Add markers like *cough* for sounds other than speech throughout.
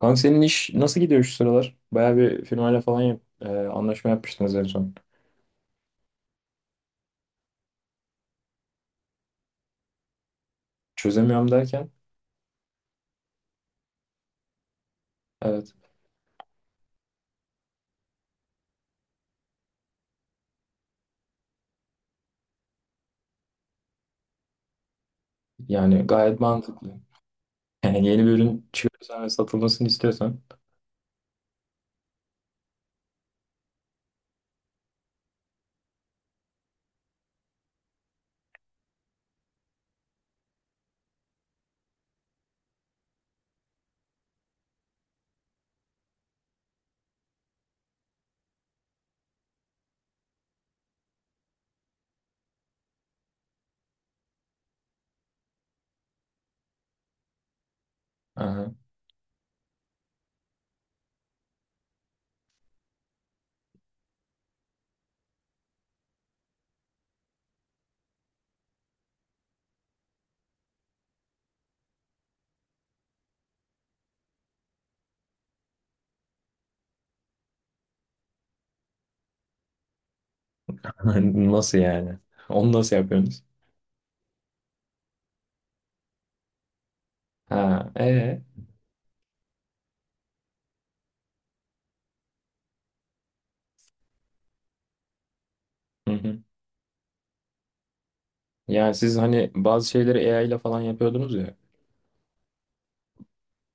Kanka, senin iş nasıl gidiyor şu sıralar? Bayağı bir firmayla falan anlaşma yapmıştınız en son. Çözemiyorum derken? Evet, yani gayet mantıklı. Yani yeni bir ürün çıkarırsan ve satılmasını istiyorsan, aha. *laughs* Nasıl yani? Onu nasıl yapıyorsunuz? Ha, ee? Hı hı. Yani siz hani bazı şeyleri AI ile falan yapıyordunuz ya.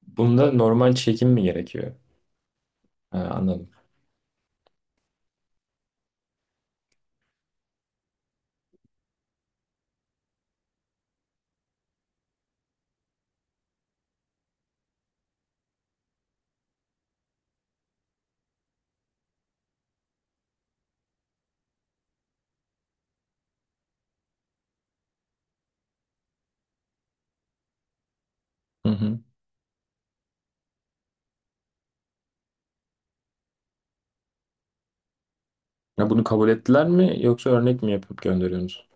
Bunda normal çekim mi gerekiyor? Ha, anladım. Hı hı. Ya, bunu kabul ettiler mi, yoksa örnek mi yapıp gönderiyorsunuz?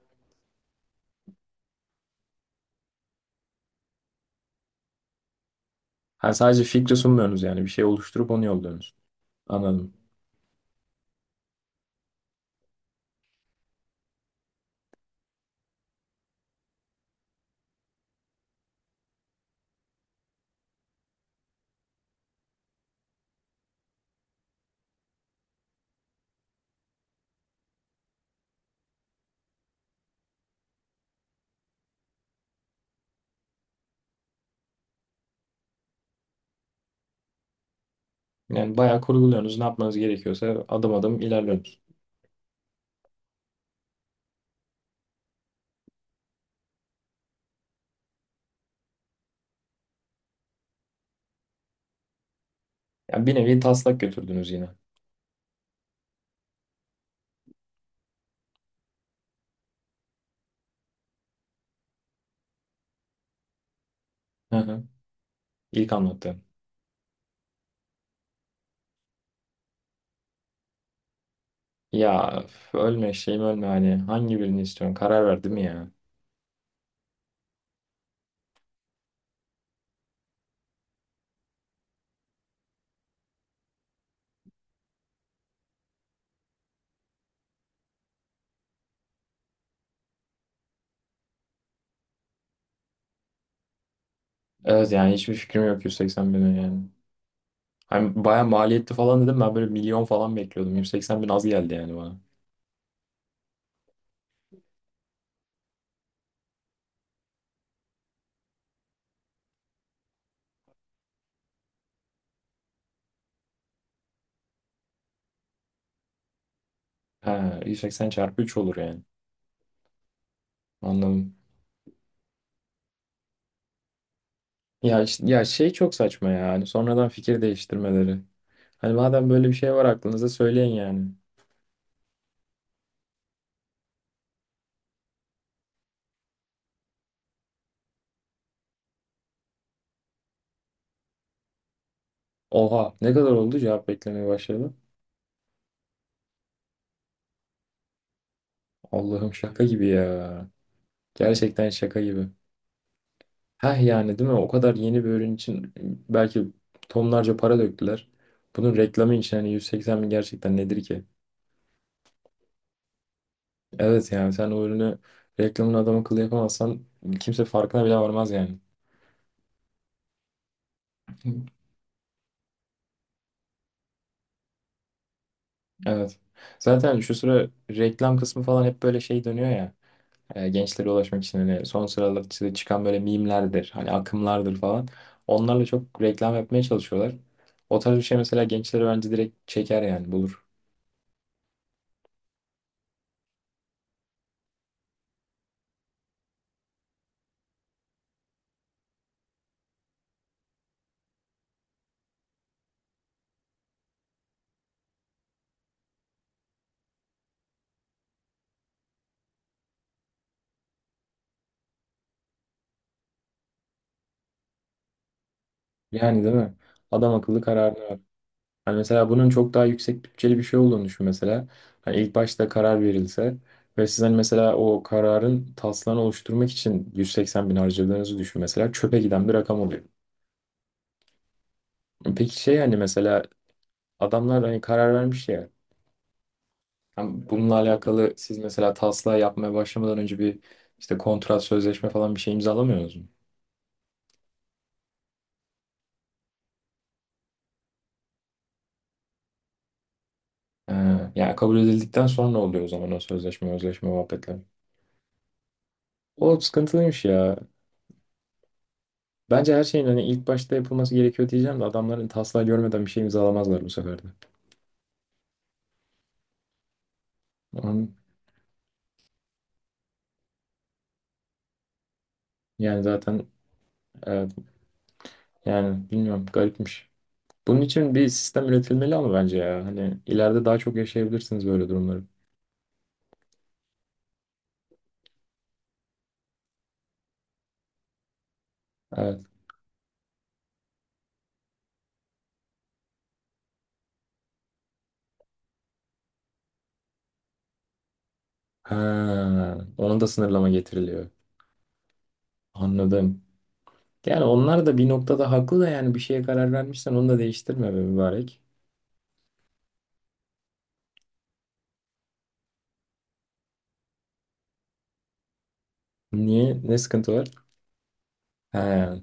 Ha, sadece fikri sunmuyorsunuz yani, bir şey oluşturup onu yolluyorsunuz. Anladım. Yani bayağı kurguluyorsunuz. Ne yapmanız gerekiyorsa adım adım ilerliyorsunuz. Yani bir nevi taslak götürdünüz yine. Hı hı. İlk anlattığım. Ya öf, ölme şeyim ölme, hani hangi birini istiyorsun? Karar verdim ya. Evet, yani hiçbir fikrim yok 180.000'in yani. Hani bayağı maliyetli falan dedim, ben böyle milyon falan bekliyordum. 180.000 az geldi yani bana. Ha, 180 çarpı 3 olur yani. Anladım. Ya, ya şey çok saçma ya. Hani sonradan fikir değiştirmeleri. Hani madem böyle bir şey var aklınızda, söyleyin yani. Oha, ne kadar oldu cevap beklemeye başladı? Allah'ım, şaka gibi ya. Gerçekten şaka gibi. Heh, yani değil mi? O kadar yeni bir ürün için belki tonlarca para döktüler. Bunun reklamı için hani 180 bin gerçekten nedir ki? Evet, yani sen o ürünü reklamını adam akıllı yapamazsan kimse farkına bile varmaz yani. Evet. Zaten şu sıra reklam kısmı falan hep böyle şey dönüyor ya. Gençlere ulaşmak için hani son sıralarda çıkan böyle mimlerdir, hani akımlardır falan. Onlarla çok reklam yapmaya çalışıyorlar. O tarz bir şey mesela gençlere bence direkt çeker yani, bulur. Yani değil mi? Adam akıllı kararını ver. Hani mesela bunun çok daha yüksek bütçeli bir şey olduğunu düşün mesela. Hani ilk başta karar verilse ve siz hani mesela o kararın taslağını oluşturmak için 180 bin harcadığınızı düşün mesela, çöpe giden bir rakam oluyor. Peki, şey hani mesela adamlar hani karar vermiş ya. Hem bununla alakalı siz mesela taslağı yapmaya başlamadan önce bir işte kontrat, sözleşme falan bir şey imzalamıyorsunuz mu? Ee, Yani kabul edildikten sonra oluyor o zaman o sözleşme, özleşme muhabbetleri. O sıkıntılıymış ya. Bence her şeyin hani ilk başta yapılması gerekiyor diyeceğim de, adamların taslağı görmeden bir şey imzalamazlar bu sefer de. Onun- Yani zaten, evet, yani bilmiyorum, garipmiş. Bunun için bir sistem üretilmeli ama bence ya. Hani ileride daha çok yaşayabilirsiniz böyle durumları. Evet. Ha, ona da sınırlama getiriliyor. Anladım. Yani onlar da bir noktada haklı da, yani bir şeye karar vermişsen onu da değiştirme be mübarek. Niye? Ne sıkıntı var? He.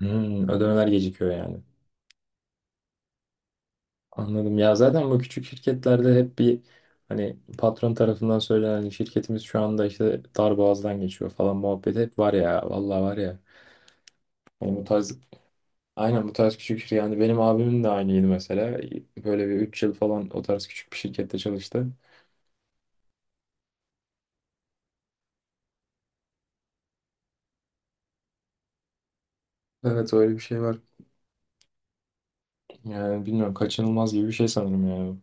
Hmm, ödemeler gecikiyor yani. Anladım. Ya, zaten bu küçük şirketlerde hep bir, hani patron tarafından söylenen şirketimiz şu anda işte dar boğazdan geçiyor falan muhabbeti hep var ya. Vallahi var ya. Hani bu tarz, aynen, bu tarz küçük şirket. Yani benim abimin de aynıydı mesela. Böyle bir 3 yıl falan o tarz küçük bir şirkette çalıştı. Evet, öyle bir şey var. Yani bilmiyorum, kaçınılmaz gibi bir şey sanırım yani.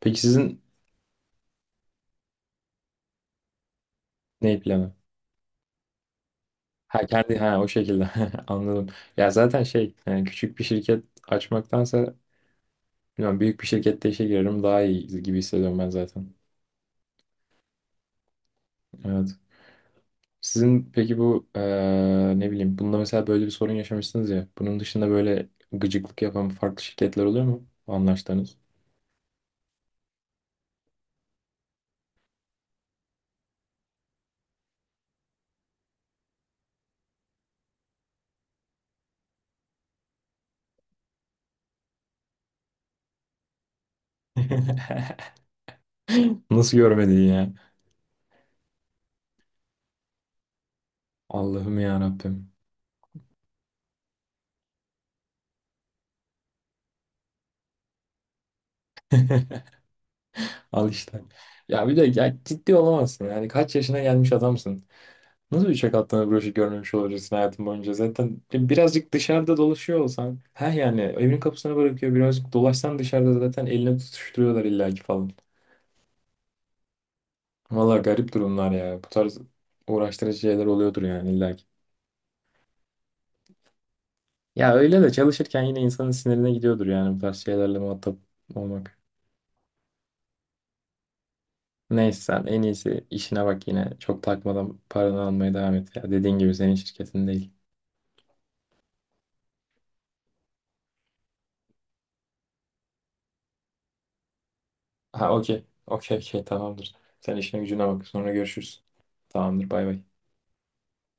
Peki sizin, ne planı? Ha, kendi, ha o şekilde, *laughs* anladım. Ya zaten şey yani, küçük bir şirket açmaktansa bilmiyorum, büyük bir şirkette işe girerim daha iyi gibi hissediyorum ben zaten. Evet. Sizin peki bu ne bileyim, bunda mesela böyle bir sorun yaşamışsınız ya. Bunun dışında böyle gıcıklık yapan farklı şirketler oluyor mu anlaştığınız? *laughs* Nasıl görmedin ya? Allah'ım ya Rabbim. Al işte. Ya bir de, ya ciddi olamazsın. Yani kaç yaşına gelmiş adamsın. Nasıl uçak atlanan broşür görmemiş olabilirsin hayatın boyunca? Zaten birazcık dışarıda dolaşıyor olsan. Ha yani, evin kapısına bırakıyor. Birazcık dolaşsan dışarıda zaten eline tutuşturuyorlar illaki falan. Valla, garip durumlar ya. Bu tarz uğraştırıcı şeyler oluyordur yani illaki. Ya öyle de çalışırken yine insanın sinirine gidiyordur yani, bu tarz şeylerle muhatap olmak. Neyse, sen en iyisi işine bak yine. Çok takmadan paranı almaya devam et ya. Dediğin gibi, senin şirketin değil. Ha, okey. Okey, okey, tamamdır. Sen işine gücüne bak. Sonra görüşürüz. Tamamdır, bay bay.